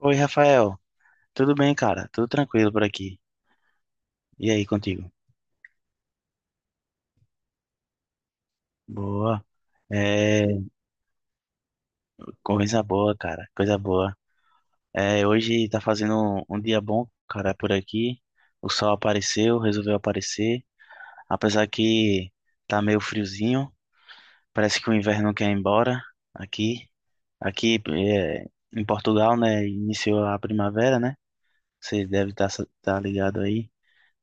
Oi, Rafael. Tudo bem, cara? Tudo tranquilo por aqui. E aí, contigo? Boa. É, coisa boa, cara. Coisa boa. É, hoje tá fazendo um dia bom, cara, por aqui. O sol apareceu, resolveu aparecer. Apesar que tá meio friozinho. Parece que o inverno não quer ir embora aqui. Aqui é, em Portugal, né? Iniciou a primavera, né? Você deve estar tá ligado aí.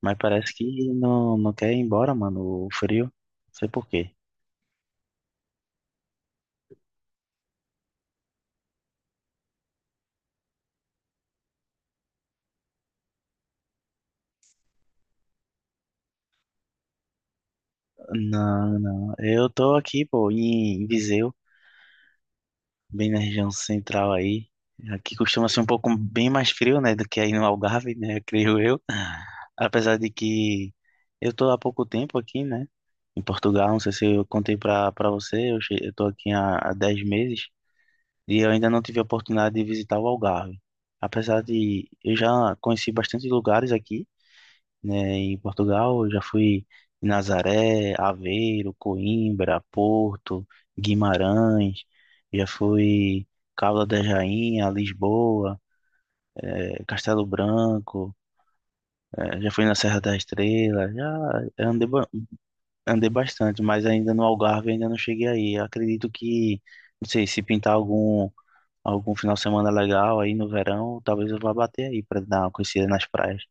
Mas parece que não quer ir embora, mano, o frio. Não sei por quê. Não, não. Eu tô aqui, pô, em Viseu, bem na região central aí. Aqui costuma ser um pouco bem mais frio, né, do que aí no Algarve, né, creio eu. Apesar de que eu tô há pouco tempo aqui, né, em Portugal. Não sei se eu contei pra você, eu tô aqui há 10 meses e eu ainda não tive a oportunidade de visitar o Algarve. Apesar de eu já conheci bastante lugares aqui, né, em Portugal, eu já fui em Nazaré, Aveiro, Coimbra, Porto, Guimarães, já fui Cabo da Rainha, Lisboa, Castelo Branco, já fui na Serra da Estrela, já andei, ba- andei bastante, mas ainda no Algarve ainda não cheguei aí. Eu acredito que, não sei, se pintar algum final de semana legal aí no verão, talvez eu vá bater aí para dar uma conhecida nas praias.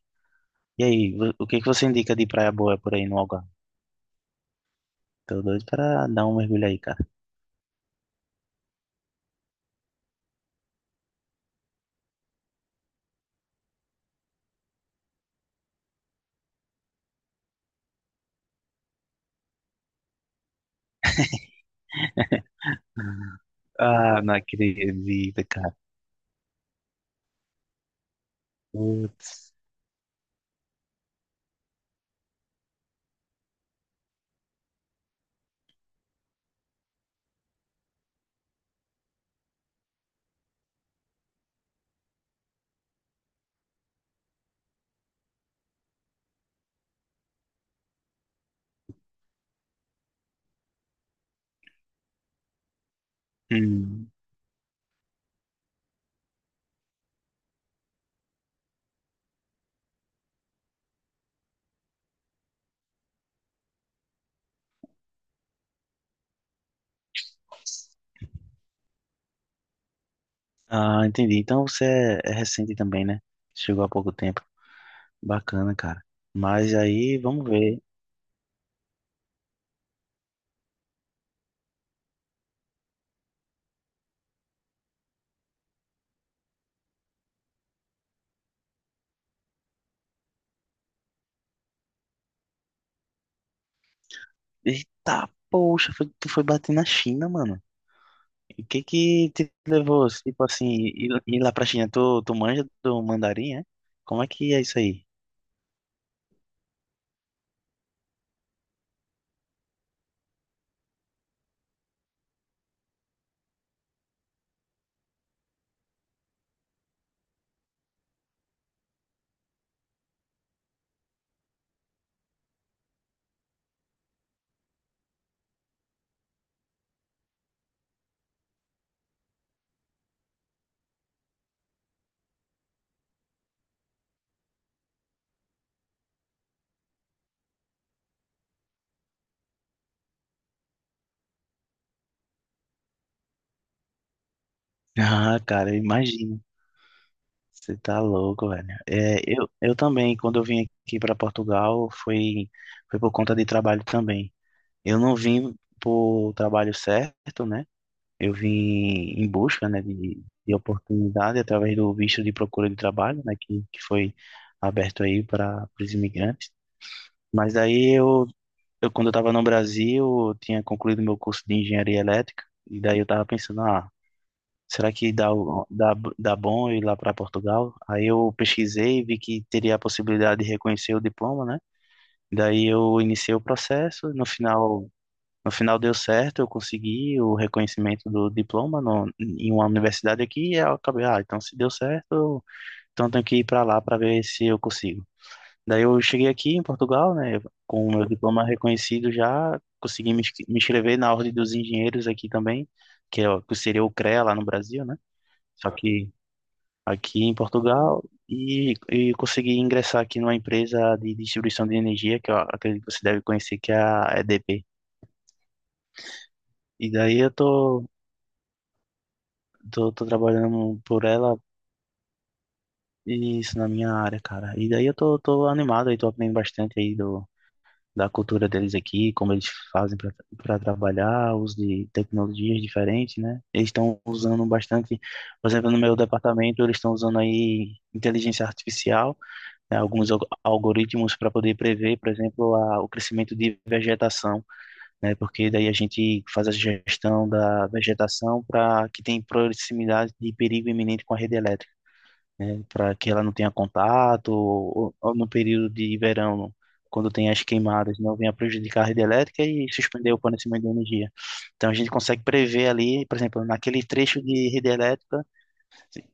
E aí, o que que você indica de praia boa por aí no Algarve? Tô doido pra dar um mergulho aí, cara. Ah, não acredito, cara. Putz. Hum. Ah, entendi. Então você é recente também, né? Chegou há pouco tempo. Bacana, cara. Mas aí, vamos ver. Eita, poxa, tu foi bater na China, mano. O que que te levou, tipo assim, ir lá pra China? Tu manja do mandarim, é? Como é que é isso aí? Ah, cara, eu imagino. Você tá louco, velho. É, eu também, quando eu vim aqui para Portugal, foi por conta de trabalho também. Eu não vim por trabalho certo, né? Eu vim em busca, né, de oportunidade através do visto de procura de trabalho, né, que foi aberto aí para os imigrantes. Mas aí eu quando eu estava no Brasil, eu tinha concluído meu curso de engenharia elétrica, e daí eu estava pensando, ah, será que dá bom ir lá para Portugal? Aí eu pesquisei, e vi que teria a possibilidade de reconhecer o diploma, né? Daí eu iniciei o processo, no final deu certo, eu consegui o reconhecimento do diploma no, em uma universidade aqui, e eu acabei, então se deu certo, então eu tenho que ir para lá para ver se eu consigo. Daí eu cheguei aqui em Portugal, né, com o meu diploma reconhecido já, consegui me inscrever na Ordem dos Engenheiros aqui também, que, que seria o CREA lá no Brasil, né? Só que aqui em Portugal e consegui ingressar aqui numa empresa de distribuição de energia, que eu acredito que você deve conhecer, que é a EDP. E daí eu tô, tô trabalhando por ela, e isso na minha área, cara. E daí eu tô animado aí tô aprendendo bastante aí da cultura deles aqui, como eles fazem para trabalhar, uso de tecnologias diferentes, né? Eles estão usando bastante, por exemplo, no meu departamento, eles estão usando aí inteligência artificial, né, alguns algoritmos para poder prever, por exemplo, o crescimento de vegetação, né, porque daí a gente faz a gestão da vegetação para que tenha proximidade de perigo iminente com a rede elétrica, né, para que ela não tenha contato, ou, no período de verão, quando tem as queimadas, não venha prejudicar a rede elétrica e suspender o fornecimento de energia. Então a gente consegue prever ali, por exemplo, naquele trecho de rede elétrica,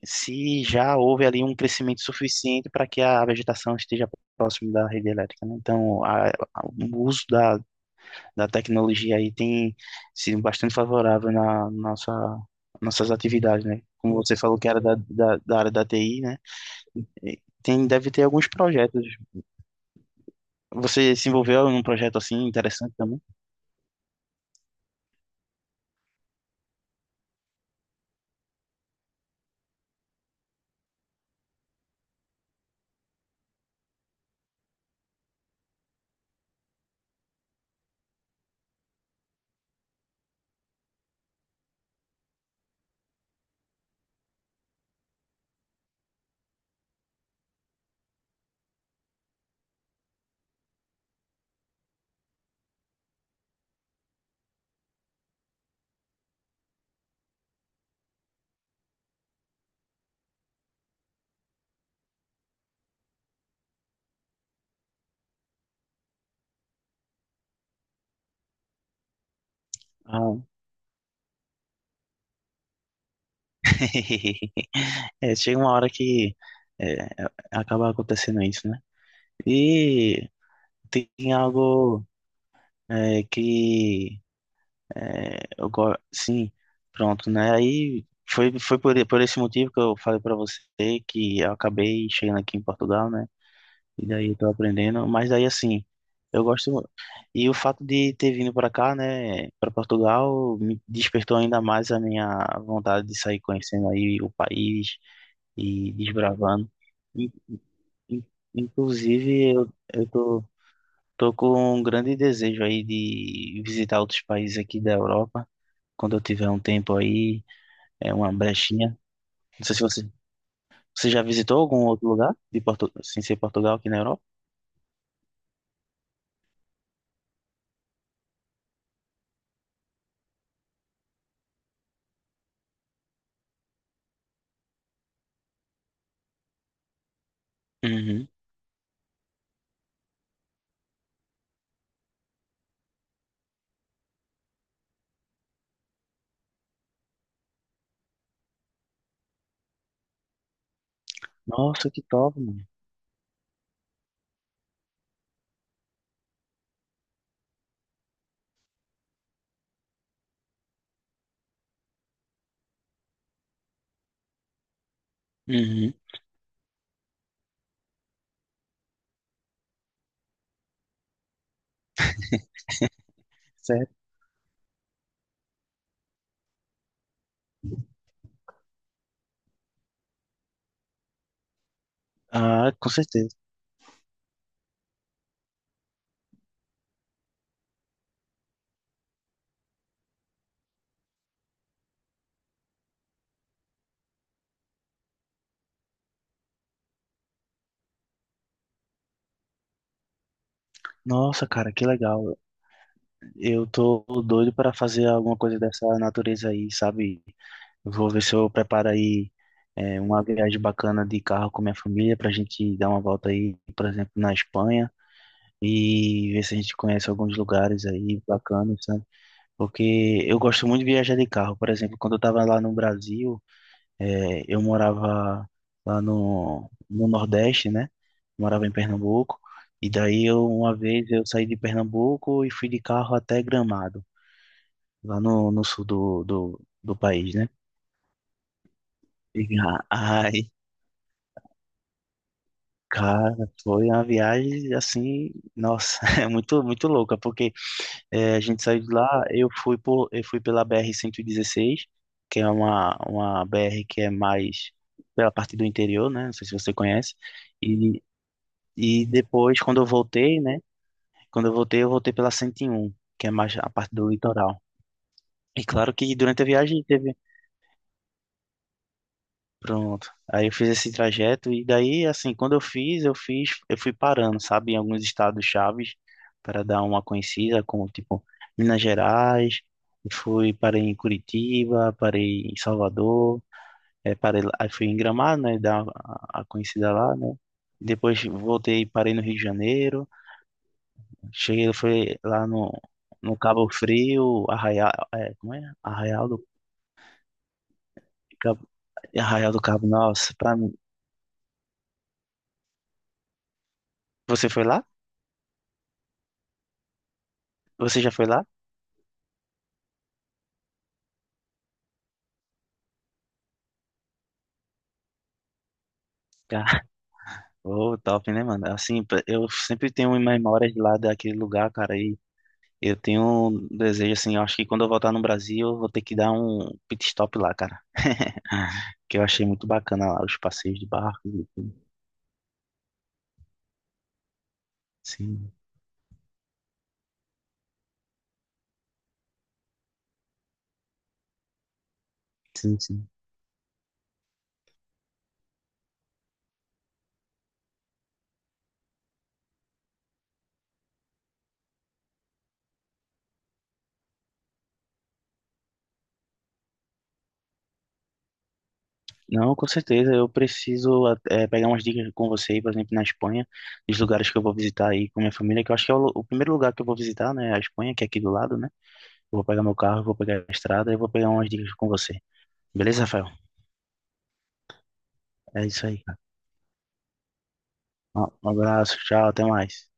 se já houve ali um crescimento suficiente para que a vegetação esteja próximo da rede elétrica, né? Então, o uso da tecnologia aí tem sido bastante favorável na nossas atividades, né? Como você falou que era da, da área da TI, né? E tem, deve ter alguns projetos. Você se envolveu em um projeto assim interessante também? Ah. É, chega uma hora que é, acaba acontecendo isso, né? E tem algo é, que é, sim, pronto, né? Aí foi por esse motivo que eu falei para você que eu acabei chegando aqui em Portugal, né? E daí eu tô aprendendo, mas daí assim, eu gosto e o fato de ter vindo para cá, né, para Portugal, me despertou ainda mais a minha vontade de sair conhecendo aí o país e desbravando. In- in- Inclusive, eu tô com um grande desejo aí de visitar outros países aqui da Europa, quando eu tiver um tempo aí, é uma brechinha. Não sei se você já visitou algum outro lugar de sem ser Portugal aqui na Europa? Uhum. Nossa, que top, mano. Uhum. Certo. Ah, com certeza. Nossa, cara, que legal. Eu tô doido para fazer alguma coisa dessa natureza aí, sabe? Eu vou ver se eu preparo aí uma viagem bacana de carro com minha família pra gente dar uma volta aí, por exemplo, na Espanha e ver se a gente conhece alguns lugares aí bacanas, sabe? Porque eu gosto muito de viajar de carro. Por exemplo, quando eu estava lá no Brasil, eu morava lá no Nordeste, né? Morava em Pernambuco. E daí, eu, uma vez, eu saí de Pernambuco e fui de carro até Gramado, lá no sul do país, né? E, ah, ai, cara, foi uma viagem assim, nossa, é muito, muito louca, porque. É, a gente saiu de lá, eu fui pela BR-16 que é uma BR que é mais pela parte do interior, né? Não sei se você conhece. E, e depois, quando eu voltei, né? Quando eu voltei pela 101 que é mais a parte do litoral. E claro que durante a viagem teve. Pronto. Aí eu fiz esse trajeto e daí, assim, quando eu fui parando, sabe, em alguns estados chaves para dar uma conhecida, como tipo Minas Gerais, e fui parei em Curitiba, parei em Salvador, é, parei, aí fui em Gramado, né, dar a conhecida lá, né. Depois voltei, e parei no Rio de Janeiro, cheguei, foi lá no Cabo Frio, Arraial, é, como é? Cabo, Arraial do Cabo, nossa, pra mim. Você foi lá? Você já foi lá? Oh, top, né, mano? Assim, eu sempre tenho memórias lá daquele lugar, cara, e eu tenho um desejo, assim, eu acho que quando eu voltar no Brasil, eu vou ter que dar um pit stop lá, cara. Que eu achei muito bacana lá, os passeios de barco e tudo. Sim, sim, sim. Não, com certeza, eu preciso pegar umas dicas com você aí, por exemplo, na Espanha, dos lugares que eu vou visitar aí com minha família, que eu acho que é o primeiro lugar que eu vou visitar, né, a Espanha, que é aqui do lado, né? Eu vou pegar meu carro, eu vou pegar a estrada e vou pegar umas dicas com você. Beleza, Rafael? É isso aí. Um abraço, tchau, até mais.